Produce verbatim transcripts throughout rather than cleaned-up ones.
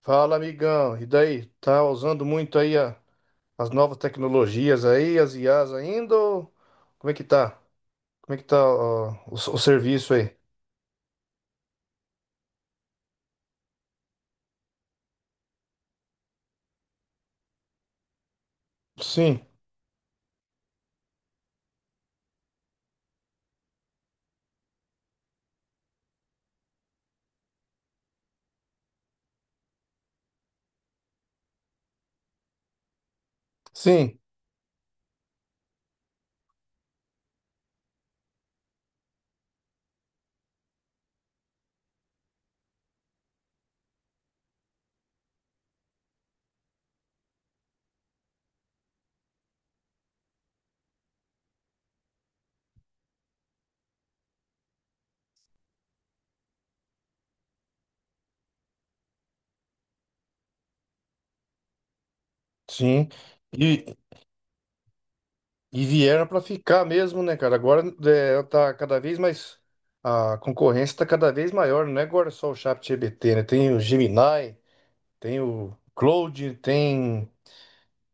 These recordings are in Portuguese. Fala, amigão. E daí? Tá usando muito aí a- as novas tecnologias aí, as I as ainda? Ou como é que tá? Como é que tá ó, o, o serviço aí? Sim, sim, sim. E, e vieram para ficar mesmo, né, cara? Agora é, tá cada vez mais. A concorrência tá cada vez maior. Não é agora só o ChatGPT, né? Tem o Gemini, tem o Claude, tem.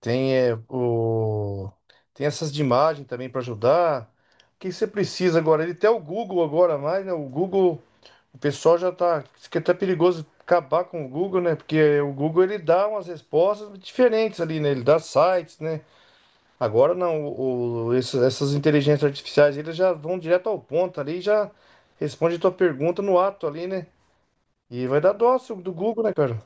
Tem, é, o... Tem essas de imagem também para ajudar. O que você precisa agora? Ele tem o Google agora mais, né? O Google, o pessoal já tá. Isso que é até perigoso acabar com o Google, né? Porque o Google ele dá umas respostas diferentes ali, né? Ele dá sites, né? Agora não, o, o- esses- essas inteligências artificiais eles já vão direto ao ponto ali e já responde a tua pergunta no ato ali, né? E vai dar dó se o do Google, né, cara?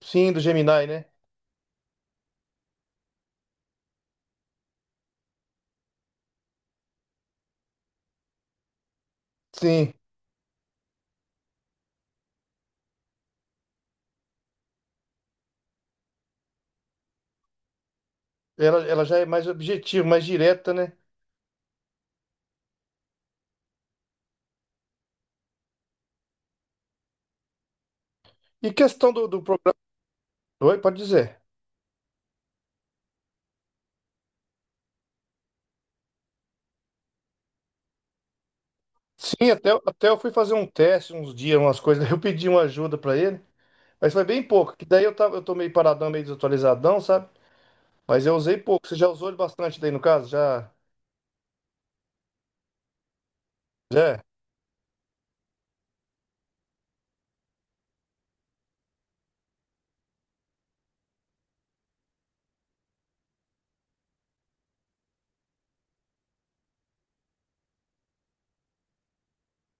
Sim, do Gemini, né? Sim. Ela, ela já é mais objetiva, mais direta, né? E questão do, do programa. Oi, pode dizer. Sim, até, até eu fui fazer um teste uns dias, umas coisas. Eu pedi uma ajuda pra ele, mas foi bem pouco. Que daí eu, tava, eu tô meio paradão, meio desatualizadão, sabe? Mas eu usei pouco. Você já usou ele bastante daí no caso? Já? Já?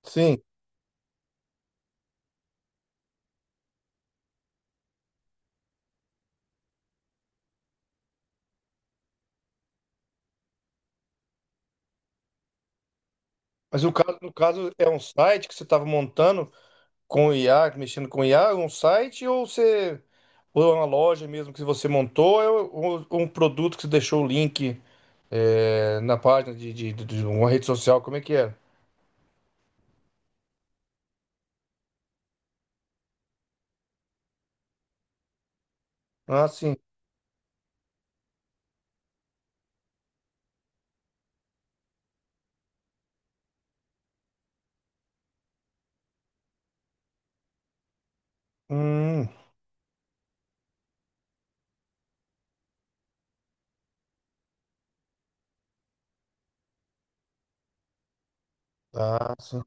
Sim. Mas o caso, no caso, é um site que você tava montando com o I A, mexendo com o I A, um site ou você. Ou é uma loja mesmo que você montou, ou ou um produto que você deixou o link eh, na página de, de, de de uma rede social, como é que é. Ah, sim. Hum, tá, sim.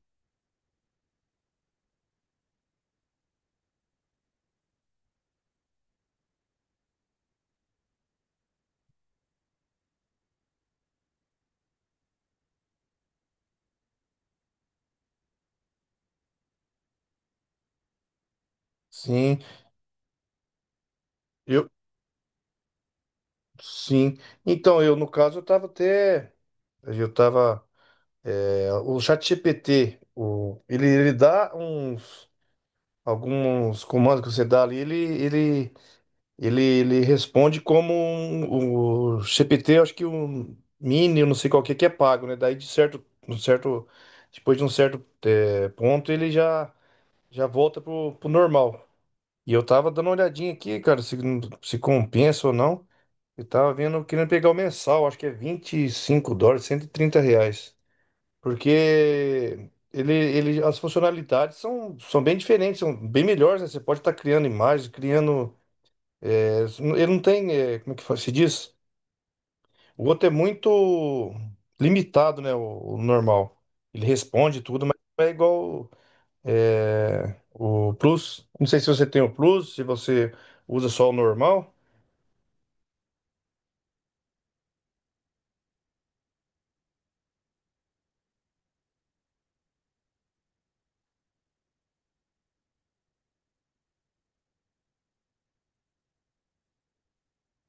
Sim, eu, sim. Então, eu, no caso, eu tava até, eu tava, é, o ChatGPT, o, ele, ele dá uns, alguns comandos que você dá ali, ele, ele, ele, ele responde como um- o G P T, eu acho que o Mini, eu não sei qual que é, que é pago, né? Daí, de certo, um certo, depois de um certo, é, ponto, ele já, já volta pro, pro normal. E eu tava dando uma olhadinha aqui, cara, se, se compensa ou não. Eu tava vendo, querendo pegar o mensal, acho que é vinte e cinco dólares, cento e trinta reais. Porque ele, ele, as funcionalidades são, são bem diferentes, são bem melhores, né? Você pode estar criando imagens, criando. é, ele não tem. é, como é que fa- se diz? O outro é muito limitado, né? O, o normal. Ele responde tudo, mas não é igual é, o Plus. Não sei se você tem o Plus, se você usa só o normal.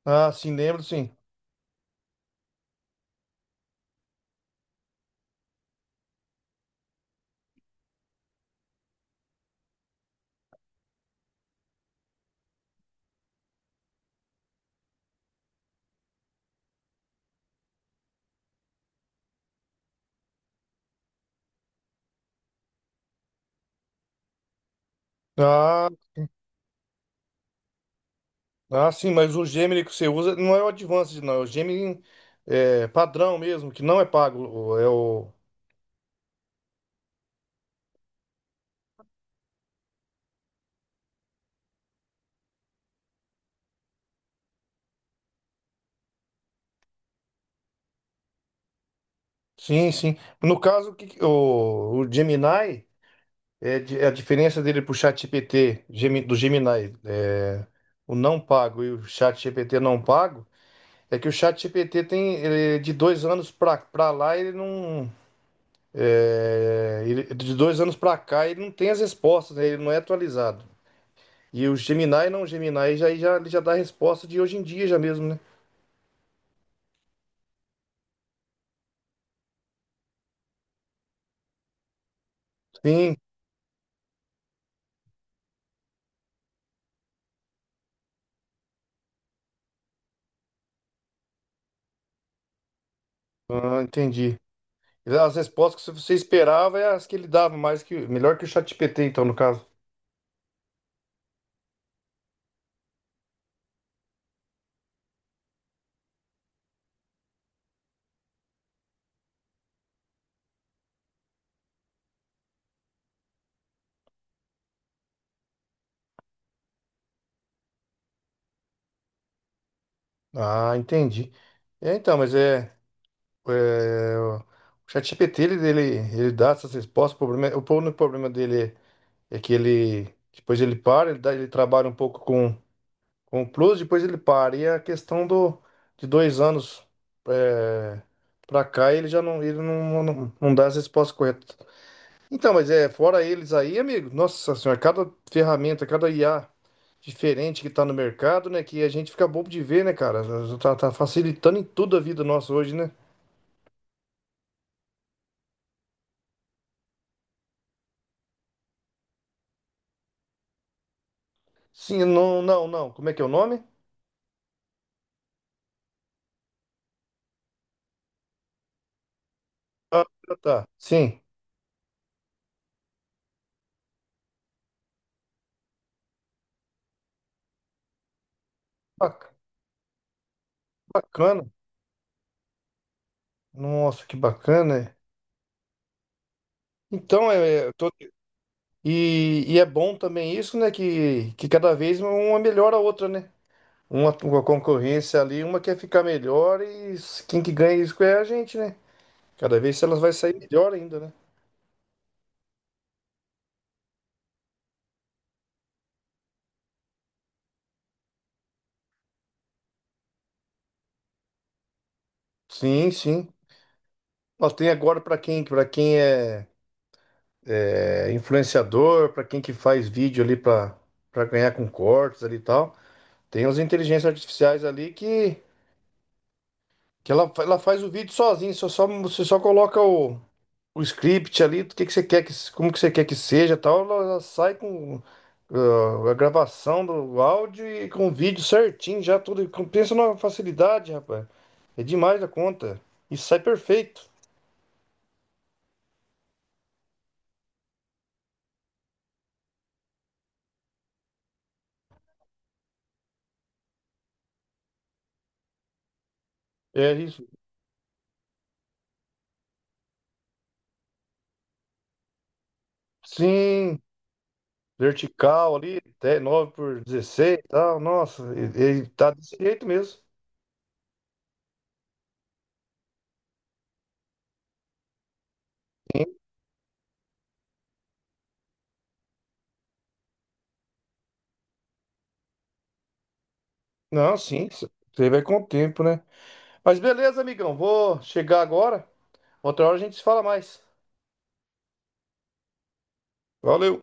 Ah, sim, lembro, sim. Ah. Ah, sim, mas o Gemini que você usa não é o Advanced, não. É o Gemini, é, padrão mesmo, que não é pago. o- É o. Sim, sim. No caso, o, que que- o o Gemini, é, di- é a diferença dele pro ChatGPT, Gemi- do Gemini, é, o não pago e o ChatGPT não pago, é que o ChatGPT tem ele, é de dois anos pra, pra lá, ele não. É, ele- de dois anos pra cá, ele não tem as respostas, né? Ele não é atualizado. E o Gemini não, Gemini já, já, ele já dá a resposta de hoje em dia já mesmo, né? Sim, ah, entendi. As respostas que você esperava é as que ele dava, mais que melhor que o ChatGPT, então, no caso. Ah, entendi. É, então, mas é, é, o ChatGPT, ele, ele, ele dá essas respostas, o problema, é, o único problema dele é é que ele, depois ele para, ele, dá- ele trabalha um pouco com. Com o Plus, depois ele para. E é a questão do, de dois anos, é, pra cá, ele já não, ele não, não, não dá as respostas corretas. Então, mas é, fora eles aí, amigo, nossa senhora, cada ferramenta, cada I A diferente que tá no mercado, né, que a gente fica bobo de ver, né, cara? Tá, tá facilitando em tudo a vida nossa hoje, né? Sim, não, não, não. Como é que é o nome? Ah, tá. Sim. Bac- Bacana. Nossa, que bacana, né? Então, é, eu tô. E, e é bom também isso, né? Que, que cada vez uma melhora a outra, né? Uma, uma concorrência ali, uma quer ficar melhor e s- quem que ganha isso é a gente, né? Cada vez elas vai sair melhor ainda, né? Sim, sim. Nós tem agora para quem, para quem é, é influenciador, para quem que faz vídeo ali para para ganhar com cortes ali e tal. Tem as inteligências artificiais ali que, que ela, fa- ela faz o vídeo sozinha, só, só, você só coloca o, o script ali, do que que você quer que, como que você quer que seja, tal, ela ela sai com ah, a gravação do áudio e com o vídeo certinho, já tudo. Com- Pensa numa facilidade, rapaz. É demais da conta. E sai perfeito. É isso. Sim, vertical ali, até nove por dezesseis e tal. Nossa, ele, ele tá desse jeito mesmo. Sim. Não, sim, isso aí vai com o tempo, né? Mas beleza, amigão, vou chegar agora. Outra hora a gente se fala mais. Valeu.